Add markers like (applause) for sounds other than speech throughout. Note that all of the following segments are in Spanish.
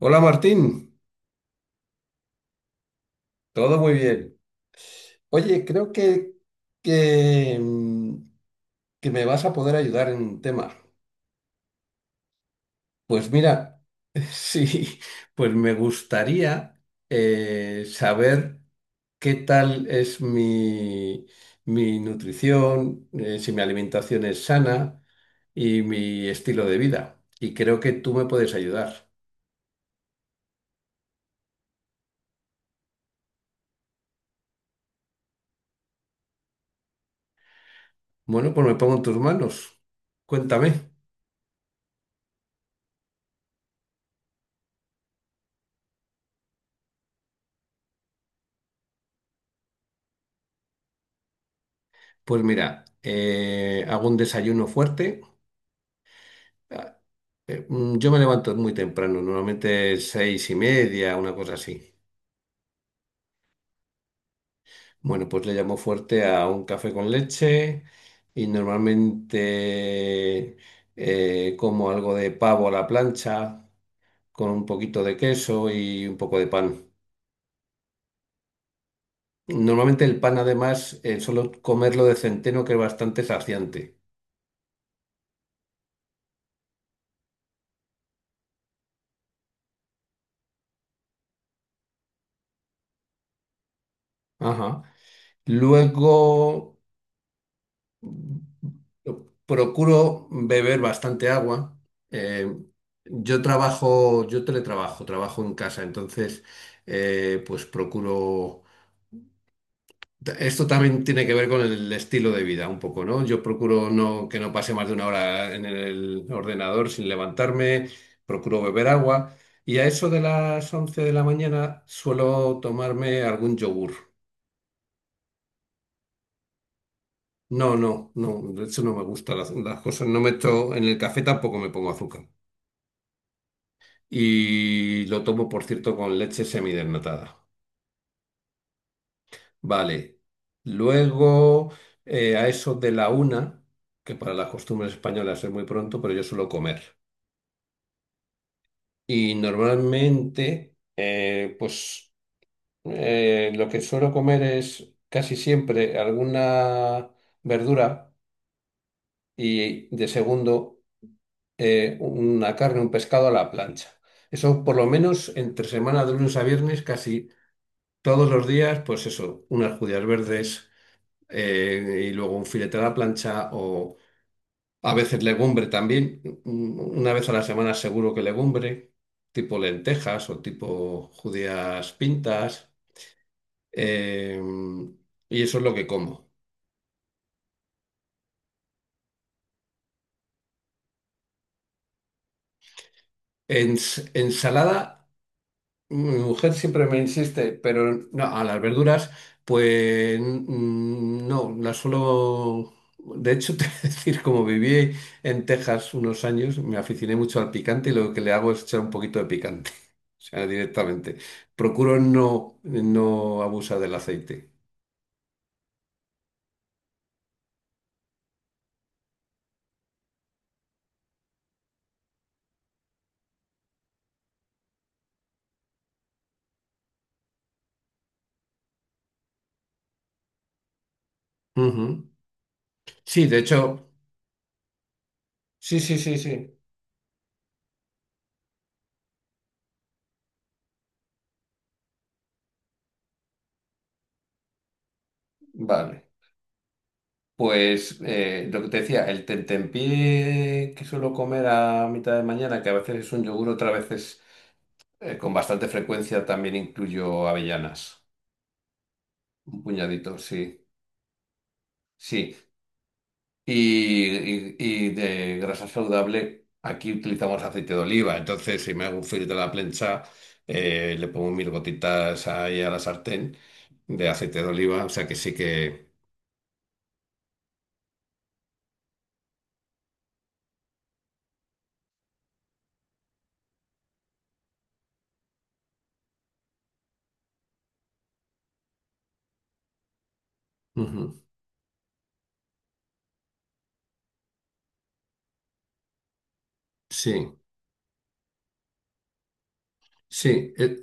Hola Martín, todo muy bien. Oye, creo que, que, mm, que me vas a poder ayudar en un tema. Pues mira, (laughs) sí, pues me gustaría saber qué tal es mi nutrición, si mi alimentación es sana y mi estilo de vida. Y creo que tú me puedes ayudar. Bueno, pues me pongo en tus manos. Cuéntame. Pues mira, hago un desayuno fuerte. Ah, yo me levanto muy temprano, normalmente 6:30, una cosa así. Bueno, pues le llamo fuerte a un café con leche y normalmente como algo de pavo a la plancha con un poquito de queso y un poco de pan. Normalmente el pan además solo comerlo de centeno que es bastante saciante. Ajá. Luego yo procuro beber bastante agua. Eh, yo teletrabajo, trabajo en casa, entonces, pues procuro. Esto también tiene que ver con el estilo de vida, un poco, ¿no? Yo procuro no, que no pase más de una hora en el ordenador sin levantarme, procuro beber agua y a eso de las 11 de la mañana suelo tomarme algún yogur. No, no, no, de hecho no me gustan las cosas, no meto en el café tampoco me pongo azúcar. Y lo tomo, por cierto, con leche semidesnatada. Vale. Luego, a eso de la una, que para las costumbres españolas es muy pronto, pero yo suelo comer. Y normalmente, lo que suelo comer es casi siempre alguna verdura y de segundo una carne, un pescado a la plancha. Eso por lo menos entre semana de lunes a viernes casi todos los días, pues eso, unas judías verdes y luego un filete a la plancha o a veces legumbre también. Una vez a la semana seguro que legumbre, tipo lentejas o tipo judías pintas. Eh, y eso es lo que como. Ensalada. Mi mujer siempre me insiste, pero no, a las verduras, pues no, las suelo... De hecho, (laughs) te voy a decir, como viví en Texas unos años, me aficioné mucho al picante y lo que le hago es echar un poquito de picante, (laughs) o sea, directamente. Procuro no, no abusar del aceite. Ujú. Sí, de hecho, sí, sí, sí, sí. Vale. Pues lo que te decía, el tentempié que suelo comer a mitad de mañana, que a veces es un yogur, otras veces con bastante frecuencia también incluyo avellanas, un puñadito, sí, sí. Y, de grasa saludable, aquí utilizamos aceite de oliva, entonces si me hago un filtro de la plancha, le pongo mil gotitas ahí a la sartén de aceite de oliva, o sea que sí que... Ujú, sí, sí,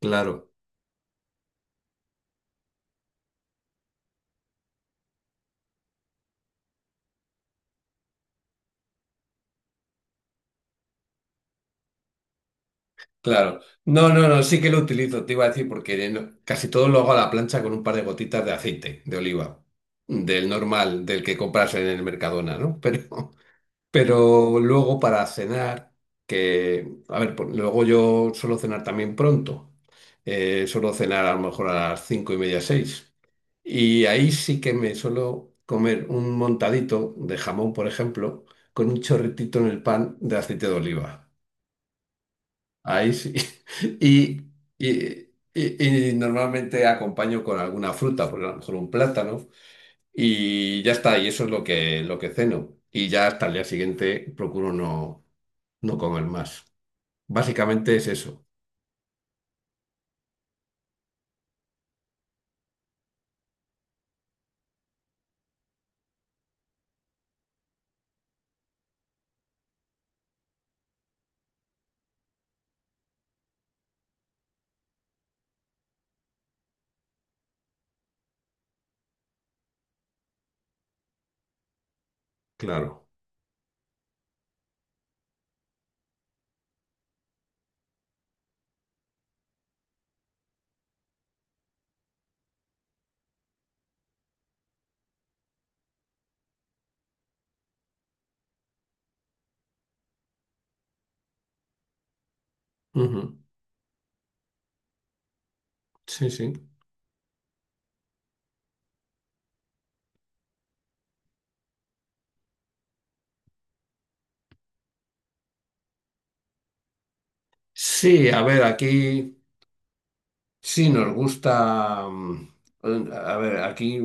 claro. Claro. No, no, no, sí que lo utilizo, te iba a decir, porque casi todo lo hago a la plancha con un par de gotitas de aceite de oliva, del normal, del que compras en el Mercadona, ¿no? (laughs) Pero luego para cenar, que, a ver, luego yo suelo cenar también pronto, suelo cenar a lo mejor a las 5:30, 6, y ahí sí que me suelo comer un montadito de jamón, por ejemplo, con un chorritito en el pan de aceite de oliva. Ahí sí. (laughs) Y, y- normalmente acompaño con alguna fruta, por a lo mejor un plátano, y ya está, y eso es lo que ceno. Y ya hasta el día siguiente procuro no, no comer más. Básicamente es eso, claro. Ujú, sí, sí. Sí, a ver, aquí sí nos gusta. A ver, aquí.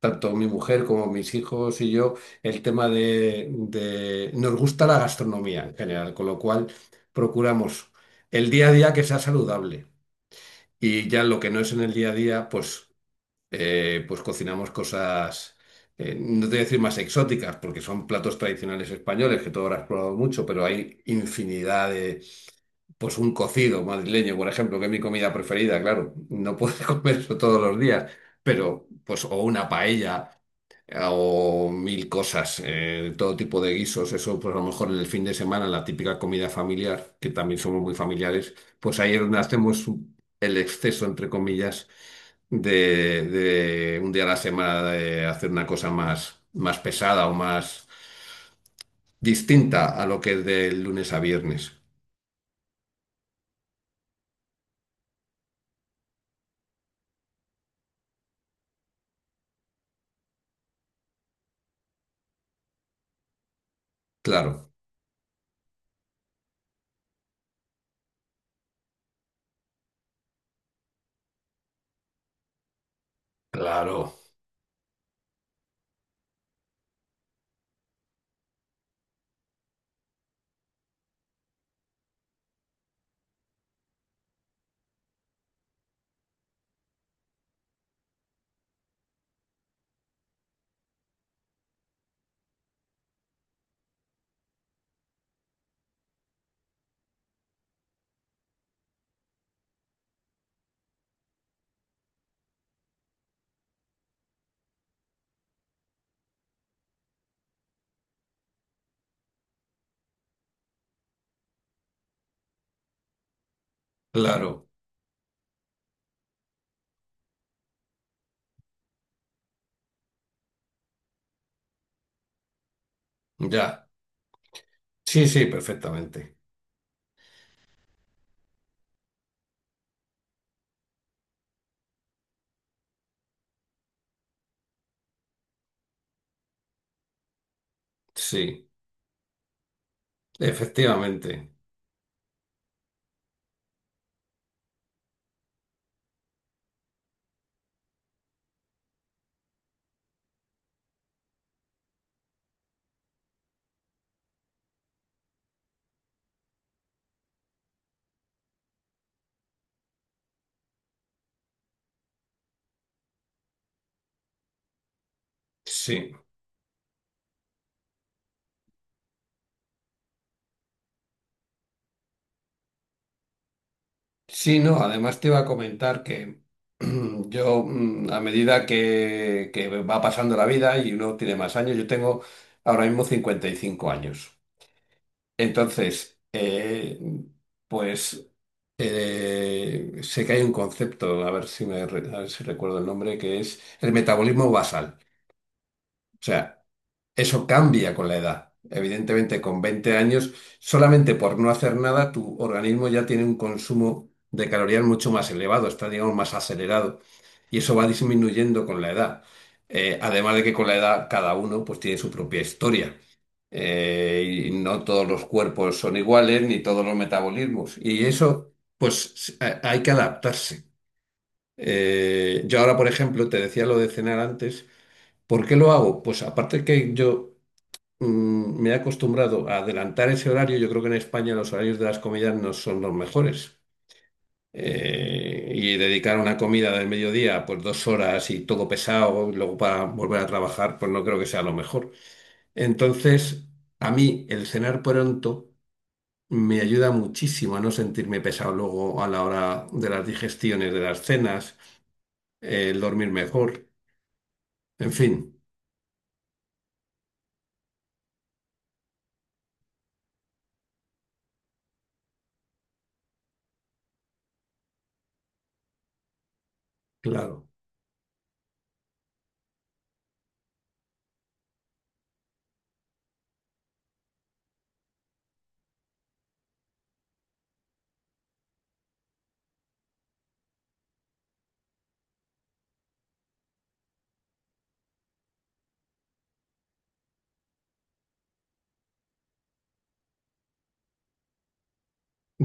Tanto mi mujer como mis hijos y yo, el tema de, nos gusta la gastronomía en general, con lo cual procuramos el día a día que sea saludable y ya lo que no es en el día a día, pues, pues cocinamos cosas, no te voy a decir más exóticas, porque son platos tradicionales españoles que tú habrás probado mucho, pero hay infinidad de... Pues un cocido madrileño, por ejemplo, que es mi comida preferida, claro, no puedo (laughs) comer eso todos los días, pero pues o una paella o mil cosas, todo tipo de guisos, eso pues a lo mejor en el fin de semana, la típica comida familiar, que también somos muy familiares, pues ahí es donde hacemos el exceso, entre comillas, de un día a la semana de hacer una cosa más, más pesada o más distinta a lo que es de lunes a viernes. Claro, claro, claro, ya. Sí, sí, perfectamente. Sí, efectivamente. Sí. Sí, no, además te iba a comentar que (clears throat) yo, a medida que, va pasando la vida y uno tiene más años, yo tengo ahora mismo 55 años. Entonces, pues sé que hay un concepto, a ver si me, a ver si recuerdo el nombre, que es el metabolismo basal. O sea, eso cambia con la edad. Evidentemente, con 20 años, solamente por no hacer nada, tu organismo ya tiene un consumo de calorías mucho más elevado, está, digamos, más acelerado. Y eso va disminuyendo con la edad. Además de que con la edad cada uno pues tiene su propia historia. Y no todos los cuerpos son iguales, ni todos los metabolismos. Y eso, pues hay que adaptarse. Yo ahora, por ejemplo, te decía lo de cenar antes. ¿Por qué lo hago? Pues aparte que yo me he acostumbrado a adelantar ese horario. Yo creo que en España los horarios de las comidas no son los mejores. Y dedicar una comida del mediodía, pues 2 horas y todo pesado, y luego para volver a trabajar, pues no creo que sea lo mejor. Entonces, a mí el cenar pronto me ayuda muchísimo a no sentirme pesado luego a la hora de las digestiones, de las cenas, el dormir mejor, en fin, claro.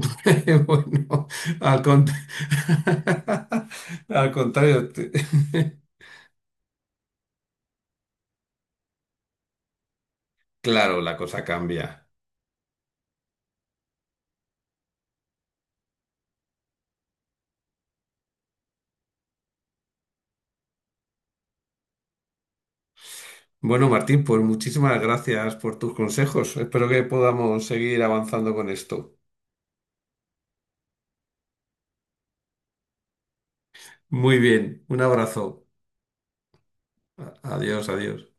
(laughs) Bueno, al, con- (laughs) al contrario, (laughs) claro, la cosa cambia. Bueno, Martín, pues muchísimas gracias por tus consejos. Espero que podamos seguir avanzando con esto. Muy bien, un abrazo. Adiós, adiós.